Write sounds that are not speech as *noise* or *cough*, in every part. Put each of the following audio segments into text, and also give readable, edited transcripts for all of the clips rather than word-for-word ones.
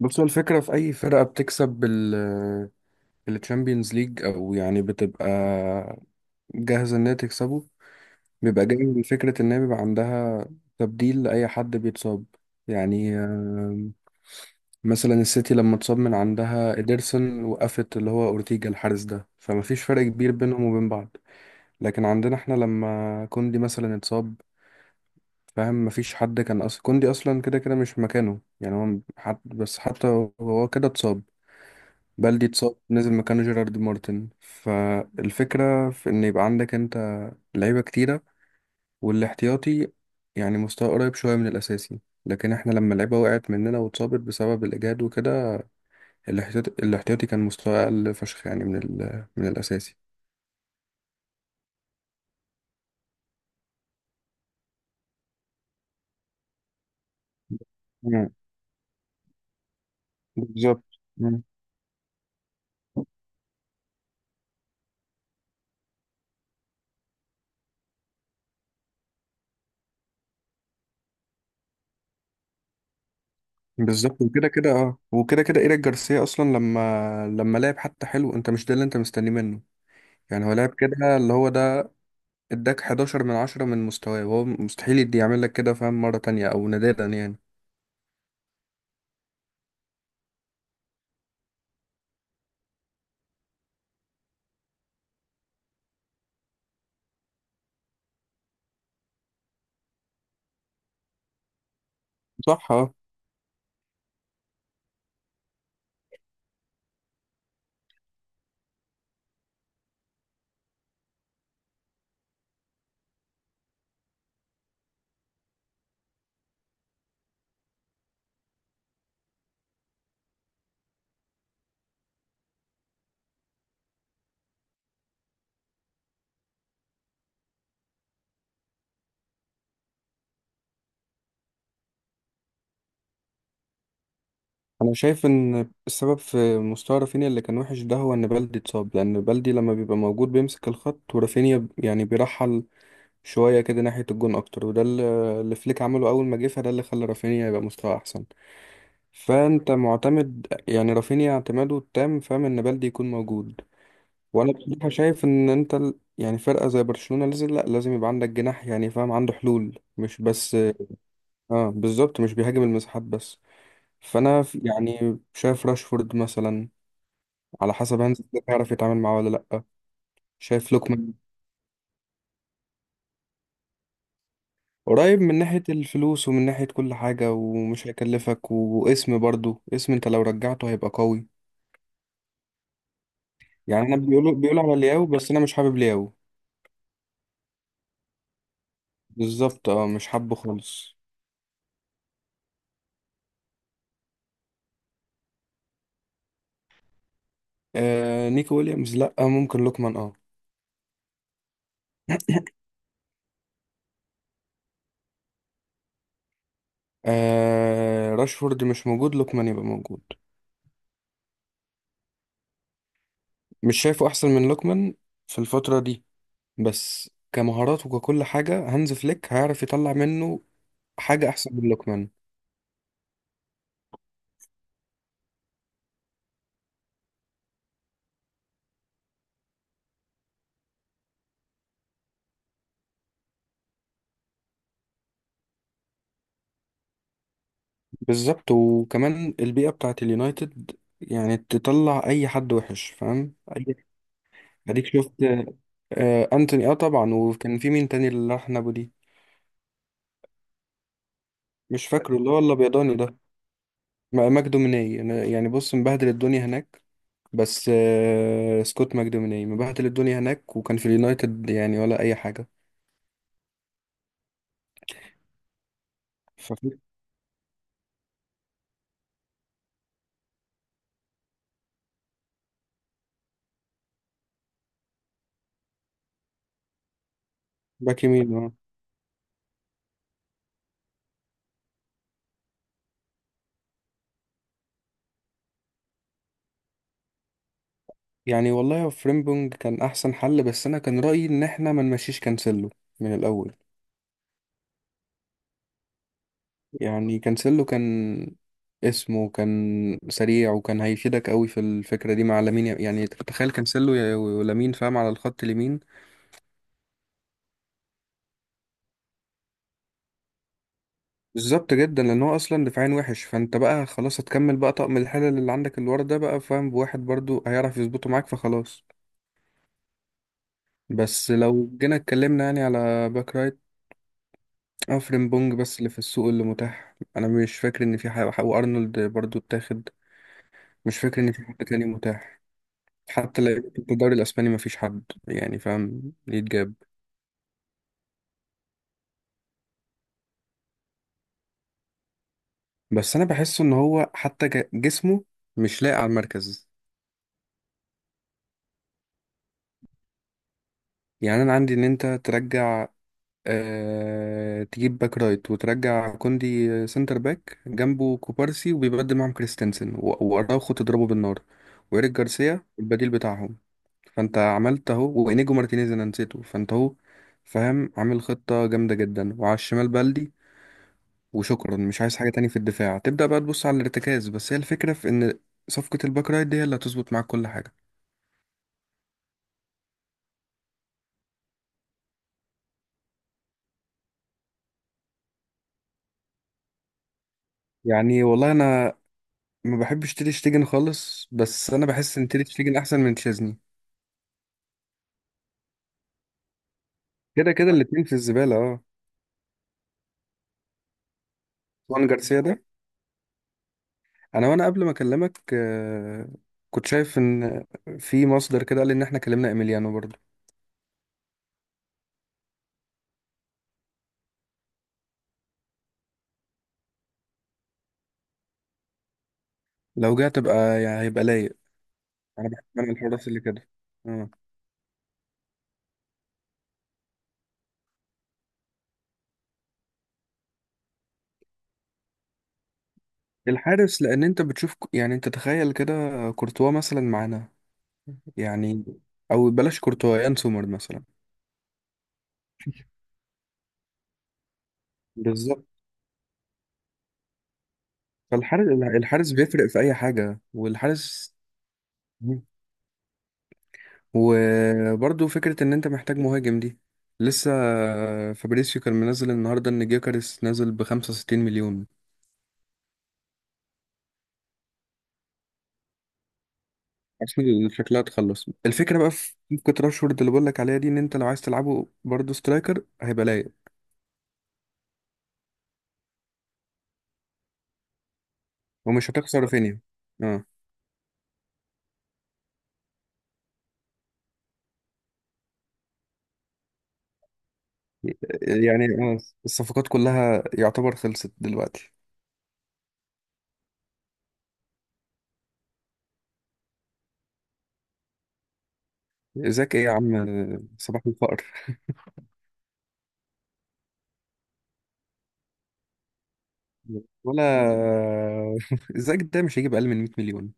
بص، هو الفكرة في أي فرقة بتكسب الشامبيونز ليج أو يعني بتبقى جاهزة إن هي تكسبه. بيبقى جاي من فكرة إن هي بيبقى عندها تبديل لأي حد بيتصاب. يعني مثلا السيتي لما اتصاب من عندها إيدرسون، وقفت اللي هو أورتيجا الحارس ده، فمفيش فرق كبير بينهم وبين بعض. لكن عندنا إحنا لما كوندي مثلا اتصاب، فاهم؟ مفيش حد كان أصلا، كوندي أصلا كده كده مش مكانه، يعني هو حد بس. حتى هو كده اتصاب. بلدي اتصاب، نزل مكانه جيرارد مارتن. فالفكرة في إن يبقى عندك أنت لعيبة كتيرة، والاحتياطي يعني مستوى قريب شوية من الأساسي. لكن احنا لما اللعيبة وقعت مننا واتصابت بسبب الإجهاد وكده، الاحتياطي كان مستوى أقل فشخ، يعني من الأساسي. مم. بالظبط. مم. بالظبط، وكده كده ايريك جارسيا اصلا، لما لعب حتى حلو، انت مش ده اللي انت مستنيه منه؟ يعني هو لعب كده، اللي هو ده، اداك 11 من 10 من مستواه، وهو مستحيل يدي يعمل لك كده فاهم مرة تانية، او نادرا يعني. صح، اه. انا شايف ان السبب في مستوى رافينيا اللي كان وحش ده هو ان بلدي اتصاب، لان بلدي لما بيبقى موجود بيمسك الخط، ورافينيا يعني بيرحل شوية كده ناحية الجون اكتر. وده اللي فليك عمله اول ما جه، فده اللي خلى رافينيا يبقى مستوى احسن. فانت معتمد يعني رافينيا اعتماده التام فاهم ان بلدي يكون موجود. وانا بصراحه شايف ان انت يعني فرقه زي برشلونه لازم، لا، لازم يبقى عندك جناح، يعني فاهم عنده حلول، مش بس. اه بالظبط، مش بيهاجم المساحات بس. فانا يعني شايف راشفورد مثلا، على حسب هانز فليك هيعرف يتعامل معاه ولا لا. شايف لوكمان قريب من ناحيه الفلوس ومن ناحيه كل حاجه، ومش هيكلفك، واسم برضو، اسم انت لو رجعته هيبقى قوي. يعني انا، بيقولوا على لياو، بس انا مش حابب لياو. بالظبط، اه، مش حابه خالص. آه نيكو ويليامز لا، ممكن لوكمان اه. *clears throat* راشفورد مش موجود، لوكمان يبقى موجود. مش شايفه احسن من لوكمان في الفترة دي، بس كمهارات وككل حاجة هانز فليك هيعرف يطلع منه حاجة احسن من لوكمان. بالظبط، وكمان البيئة بتاعت اليونايتد يعني تطلع اي حد وحش فاهم اديك شفت. آه انتوني، طبعا. وكان في مين تاني اللي راح نابولي؟ مش فاكره، اللي هو الابيضاني ده، ماجدو مني. يعني بص، مبهدل الدنيا هناك. بس سكوت ماكدوميناي مبهدل الدنيا هناك، وكان في اليونايتد يعني ولا اي حاجه. ففي باك يمين، اه. يعني والله فريمبونج كان احسن حل، بس انا كان رايي ان احنا ما نمشيش كانسيلو من الاول. يعني كانسيلو كان اسمه، كان سريع، وكان هيفيدك قوي في الفكره دي مع لامين. يعني تخيل كانسيلو ولامين فاهم على الخط اليمين. بالظبط جدا، لان هو اصلا دفاعين وحش. فانت بقى خلاص هتكمل بقى طقم الحلل اللي عندك، اللي ورا ده بقى فاهم بواحد برضو هيعرف يظبطه معاك، فخلاص. بس لو جينا اتكلمنا يعني على باك رايت او فريمبونج، بس اللي في السوق اللي متاح، انا مش فاكر ان في حاجه. وارنولد برضو اتاخد. مش فاكر ان في حد تاني متاح، حتى لو في الدوري الاسباني مفيش حد يعني فاهم يتجاب. بس انا بحس ان هو حتى جسمه مش لايق على المركز. يعني انا عندي ان انت ترجع، تجيب باك رايت، وترجع كوندي سنتر باك جنبه كوبارسي، وبيبدل معاهم كريستنسن و- وأراوخو تضربه بالنار، وإيريك جارسيا البديل بتاعهم. فأنت عملت أهو. وإنيجو مارتينيز أنا نسيته، فأنت أهو فاهم عامل خطة جامدة جدا. وعلى الشمال بلدي وشكرا، مش عايز حاجة تاني في الدفاع. تبدأ بقى تبص على الارتكاز، بس هي الفكرة في إن صفقة الباك رايت دي هي اللي هتظبط معاك كل حاجة. يعني والله أنا ما بحبش تير شتيجن خالص، بس أنا بحس إن تير شتيجن أحسن من تشيزني. كده كده الاتنين في الزبالة، اه. وان جارسيا ده، انا قبل ما اكلمك كنت شايف ان في مصدر كده قال ان احنا كلمنا ايميليانو برضه. لو جه تبقى يعني هيبقى لايق. انا بحب انا الحراس اللي كده، اه. الحارس، لان انت بتشوف يعني انت تخيل كده كورتوا مثلا معانا، يعني، او بلاش كورتوا، يان سومر مثلا. بالظبط. فالحارس بيفرق في اي حاجة، والحارس، وبرضو فكرة ان انت محتاج مهاجم دي لسه. فابريسيو كان منزل النهاردة ان جيكاريس نازل ب 65 مليون. ارسنال شكلها تخلص الفكرة بقى في، كنت راشفورد اللي بقولك عليها دي ان انت لو عايز تلعبه برضو سترايكر هيبقى لايق، ومش هتخسر رافينيا. اه. يعني الصفقات كلها يعتبر خلصت دلوقتي. ازاك ايه يا عم، صباح الفقر. ولا *laughs* ازاك ده مش هيجيب اقل من 100 مليون،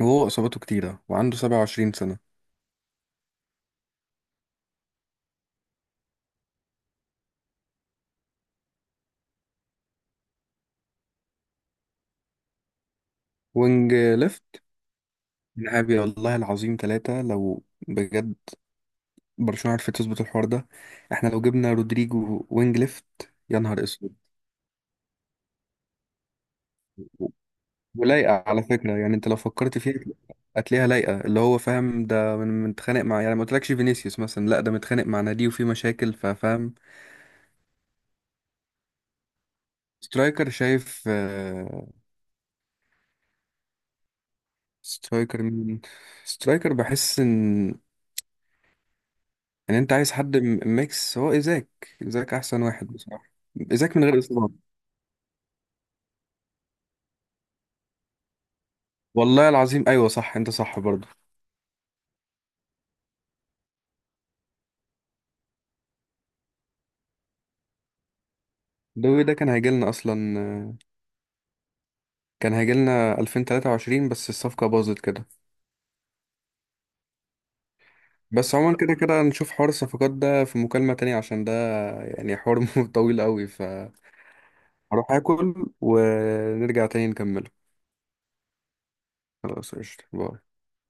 وهو اصاباته كتيرة وعنده 27 سنة. وينج ليفت نهائي، والله العظيم، ثلاثة لو بجد برشلونة عرفت تظبط الحوار ده. احنا لو جبنا رودريجو وينج ليفت، يا نهار اسود. ولايقة على فكرة، يعني انت لو فكرت فيها هتلاقيها لايقة، اللي هو فاهم ده، من متخانق مع، يعني ما قلتلكش فينيسيوس مثلا؟ لا ده متخانق مع نادي وفي مشاكل، ففاهم. سترايكر شايف؟ سترايكر مين؟ سترايكر بحس ان انت عايز حد ميكس، هو ايزاك. ايزاك احسن واحد بصراحة، ايزاك من غير اصابات. والله العظيم، ايوه صح، انت صح برضه. الدوري ده كان هيجيلنا اصلا، كان هيجيلنا 2023، بس الصفقة باظت كده. بس عموما كده كده نشوف حوار الصفقات ده في مكالمة تانية، عشان ده يعني حوار *laughs* طويل قوي، فهروح اكل ونرجع تاني نكمله. خلاص قشطة، باي.